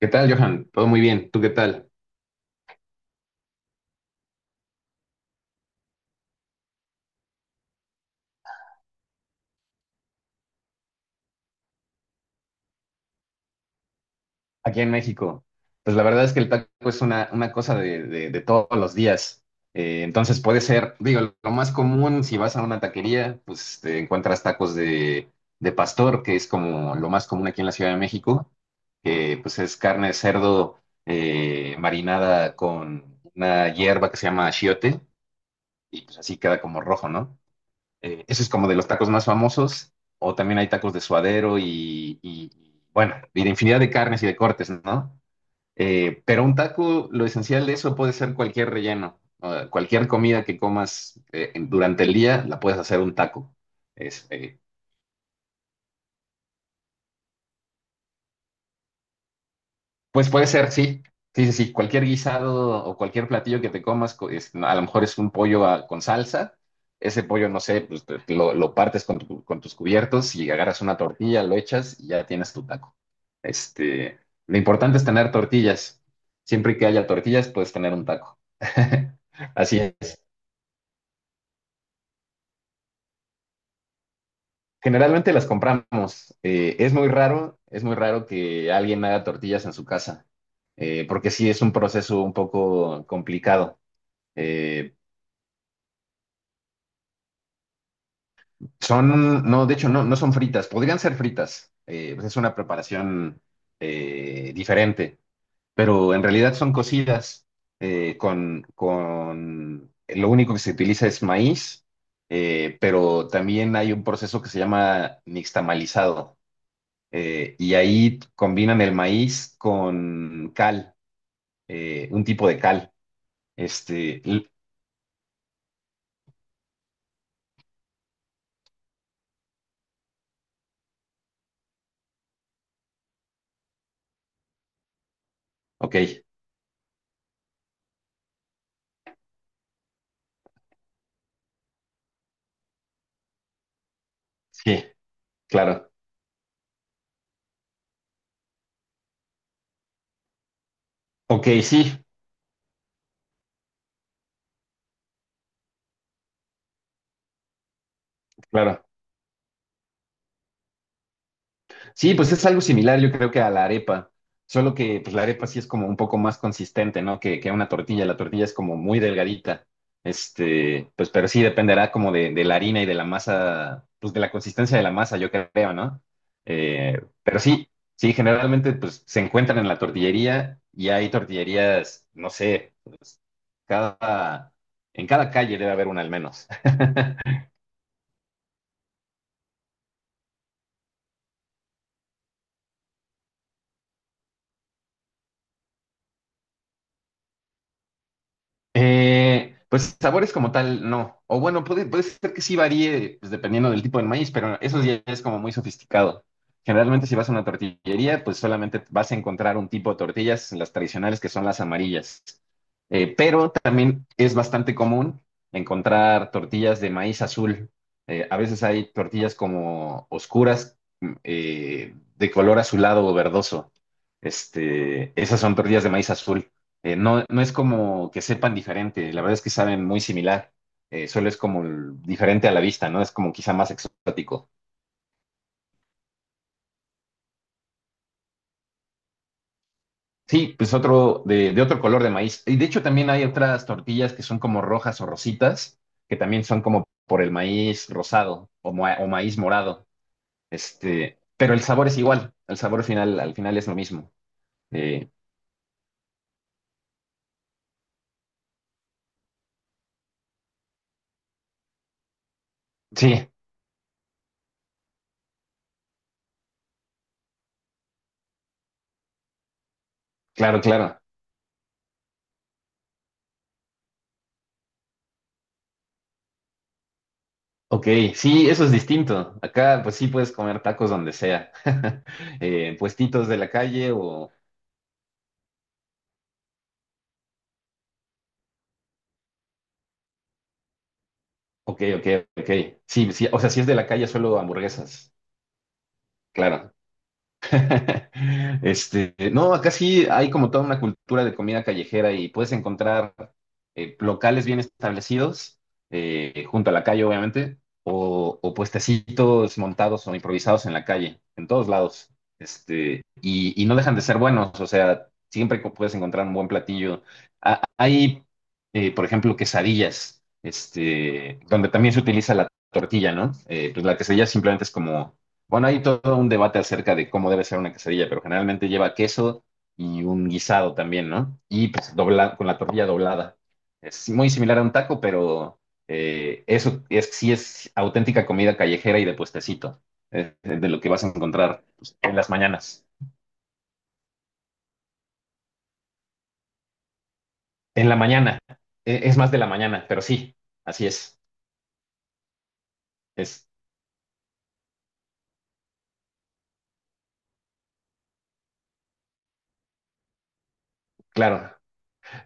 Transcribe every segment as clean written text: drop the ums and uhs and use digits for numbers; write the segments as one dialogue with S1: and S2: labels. S1: ¿Qué tal, Johan? Todo muy bien. ¿Tú qué tal? Aquí en México. Pues la verdad es que el taco es una cosa de todos los días. Entonces puede ser, digo, lo más común si vas a una taquería, pues te encuentras tacos de pastor, que es como lo más común aquí en la Ciudad de México, que pues es carne de cerdo marinada con una hierba que se llama achiote y pues así queda como rojo, ¿no? Ese es como de los tacos más famosos. O también hay tacos de suadero y, bueno, y de infinidad de carnes y de cortes, ¿no? Pero un taco, lo esencial de eso puede ser cualquier relleno, o cualquier comida que comas, durante el día, la puedes hacer un taco. Es, eh, Pues puede ser, sí. Sí, sí, sí. Cualquier guisado o cualquier platillo que te comas, a lo mejor es un pollo con salsa. Ese pollo, no sé, pues lo partes con tus cubiertos y agarras una tortilla, lo echas y ya tienes tu taco. Este, lo importante es tener tortillas. Siempre que haya tortillas, puedes tener un taco. Así es. Generalmente las compramos. Es muy raro, es muy raro que alguien haga tortillas en su casa, porque sí es un proceso un poco complicado. Eh, no, de hecho, no, no son fritas, podrían ser fritas, pues es una preparación diferente, pero en realidad son cocidas con, lo único que se utiliza es maíz, pero también hay un proceso que se llama nixtamalizado, y ahí combinan el maíz con cal, un tipo de cal. Este, l- ok, sí, claro. Ok, sí, claro. Sí, pues es algo similar, yo creo que a la arepa, solo que pues la arepa sí es como un poco más consistente, ¿no? Que una tortilla, la tortilla es como muy delgadita, pues pero sí dependerá como de la harina y de la masa, pues de la consistencia de la masa, yo creo, ¿no? Pero sí, sí, generalmente pues se encuentran en la tortillería y hay tortillerías, no sé, cada, en cada calle debe haber una al menos. Pues sabores como tal, no. O bueno, puede ser que sí varíe pues, dependiendo del tipo de maíz, pero eso ya es como muy sofisticado. Generalmente si vas a una tortillería, pues solamente vas a encontrar un tipo de tortillas, las tradicionales que son las amarillas. Pero también es bastante común encontrar tortillas de maíz azul. A veces hay tortillas como oscuras, de color azulado o verdoso. Esas son tortillas de maíz azul. No, no es como que sepan diferente, la verdad es que saben muy similar, solo es como diferente a la vista, ¿no? Es como quizá más exótico. Sí, pues otro de otro color de maíz. Y de hecho también hay otras tortillas que son como rojas o rositas, que también son como por el maíz rosado o maíz morado. Pero el sabor es igual, el sabor final, al final es lo mismo. Eh, sí, claro, claro. Ok, sí, eso es distinto. Acá, pues sí puedes comer tacos donde sea. En puestitos de la calle o. Ok, ok, ok. Sí, sí, o sea, si es de la calle, solo hamburguesas. Claro. No, acá sí hay como toda una cultura de comida callejera y puedes encontrar locales bien establecidos, junto a la calle, obviamente, o, puestecitos montados o improvisados en la calle, en todos lados. Y no dejan de ser buenos, o sea, siempre puedes encontrar un buen platillo. Ah, hay, por ejemplo, quesadillas, donde también se utiliza la tortilla, ¿no? Pues la quesadilla simplemente es como bueno, hay todo un debate acerca de cómo debe ser una quesadilla, pero generalmente lleva queso y un guisado también, ¿no? Y pues dobla, con la tortilla doblada. Es muy similar a un taco, pero eso es, sí es auténtica comida callejera y de puestecito, de lo que vas a encontrar pues, en las mañanas. En la mañana, es más de la mañana, pero sí, así es claro.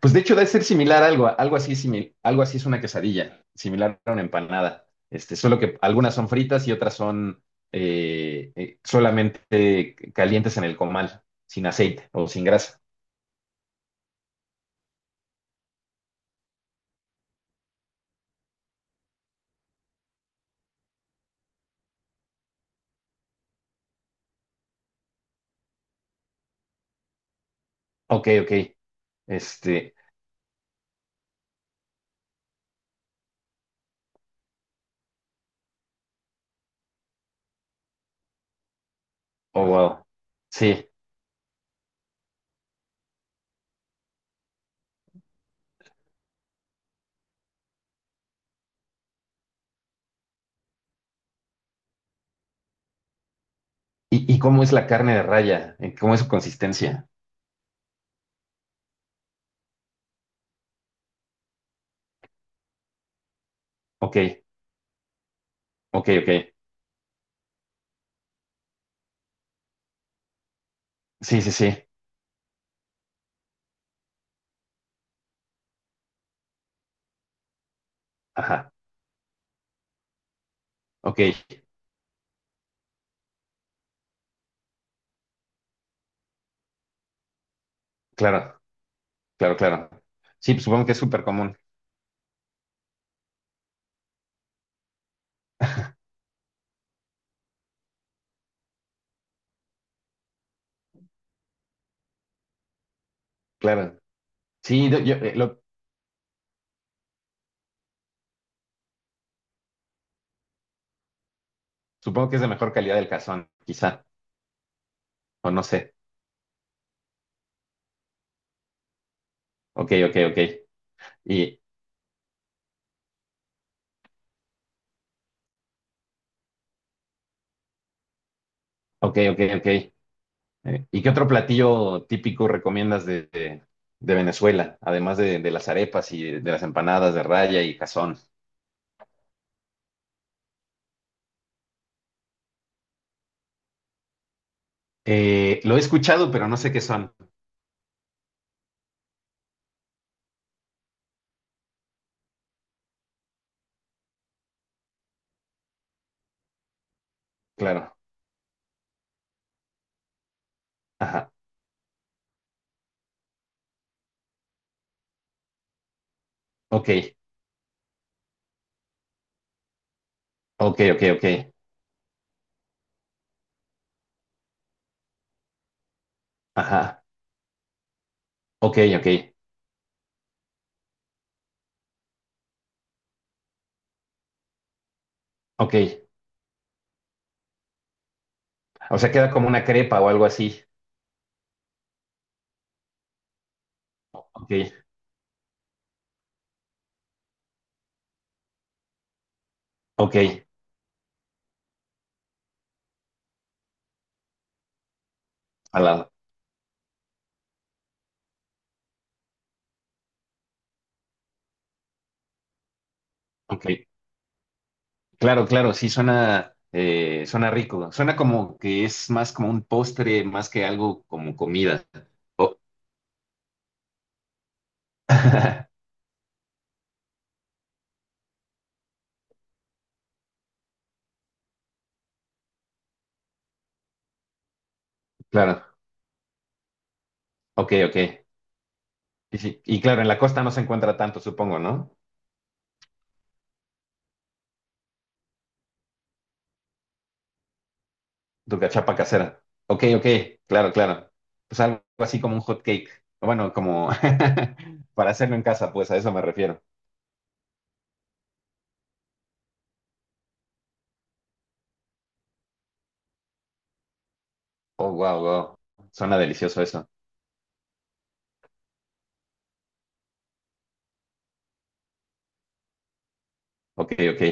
S1: Pues de hecho debe ser similar a algo así, algo así es una quesadilla, similar a una empanada. Solo que algunas son fritas y otras son solamente calientes en el comal, sin aceite o sin grasa. Ok, ok. Este, oh wow. Sí. ¿Y cómo es la carne de raya? ¿En ¿Cómo es su consistencia? Ok, ok, ok. Sí, sí, sí. Ajá. Ok, claro, claro, claro. Sí, pues supongo que es súper común. Claro. Sí, supongo que es de mejor calidad del cazón, quizá, o no sé. Ok, ok, ok. Y, ok, ok, ok. ¿Y qué otro platillo típico recomiendas de Venezuela, además de las arepas y de las empanadas de raya y cazón? Lo he escuchado, pero no sé qué son. Claro. Ajá. Ok, ok, ok, ok. Ajá. Ok, ok, ok. O sea, queda como una crepa o algo así. Ok, ok. Al lado. Ok. Claro, claro, sí suena, suena rico. Suena como que es más como un postre, más que algo como comida. Oh, claro, ok, ok. Sí, y claro, en la costa no se encuentra tanto, supongo, ¿no? Tu casera. Ok, ok, claro, claro. Pues algo así como un hot cake. Bueno, como para hacerlo en casa, pues a eso me refiero. Oh, wow, wow. Suena delicioso eso. Ok, ok.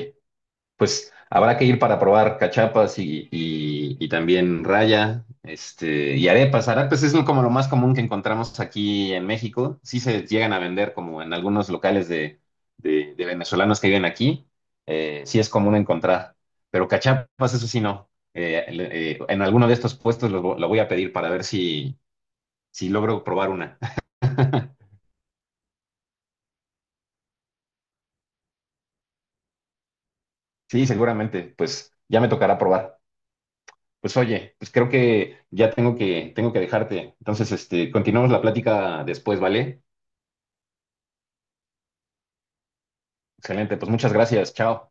S1: Pues habrá que ir para probar cachapas y también raya, y arepas. Arepas es como lo más común que encontramos aquí en México. Sí se llegan a vender como en algunos locales de venezolanos que viven aquí. Sí es común encontrar, pero cachapas eso sí no. En alguno de estos puestos lo voy a pedir para ver si logro probar una. Sí, seguramente, pues ya me tocará probar. Pues oye, pues creo que ya tengo que dejarte. Entonces, continuamos la plática después, ¿vale? Excelente, pues muchas gracias, chao.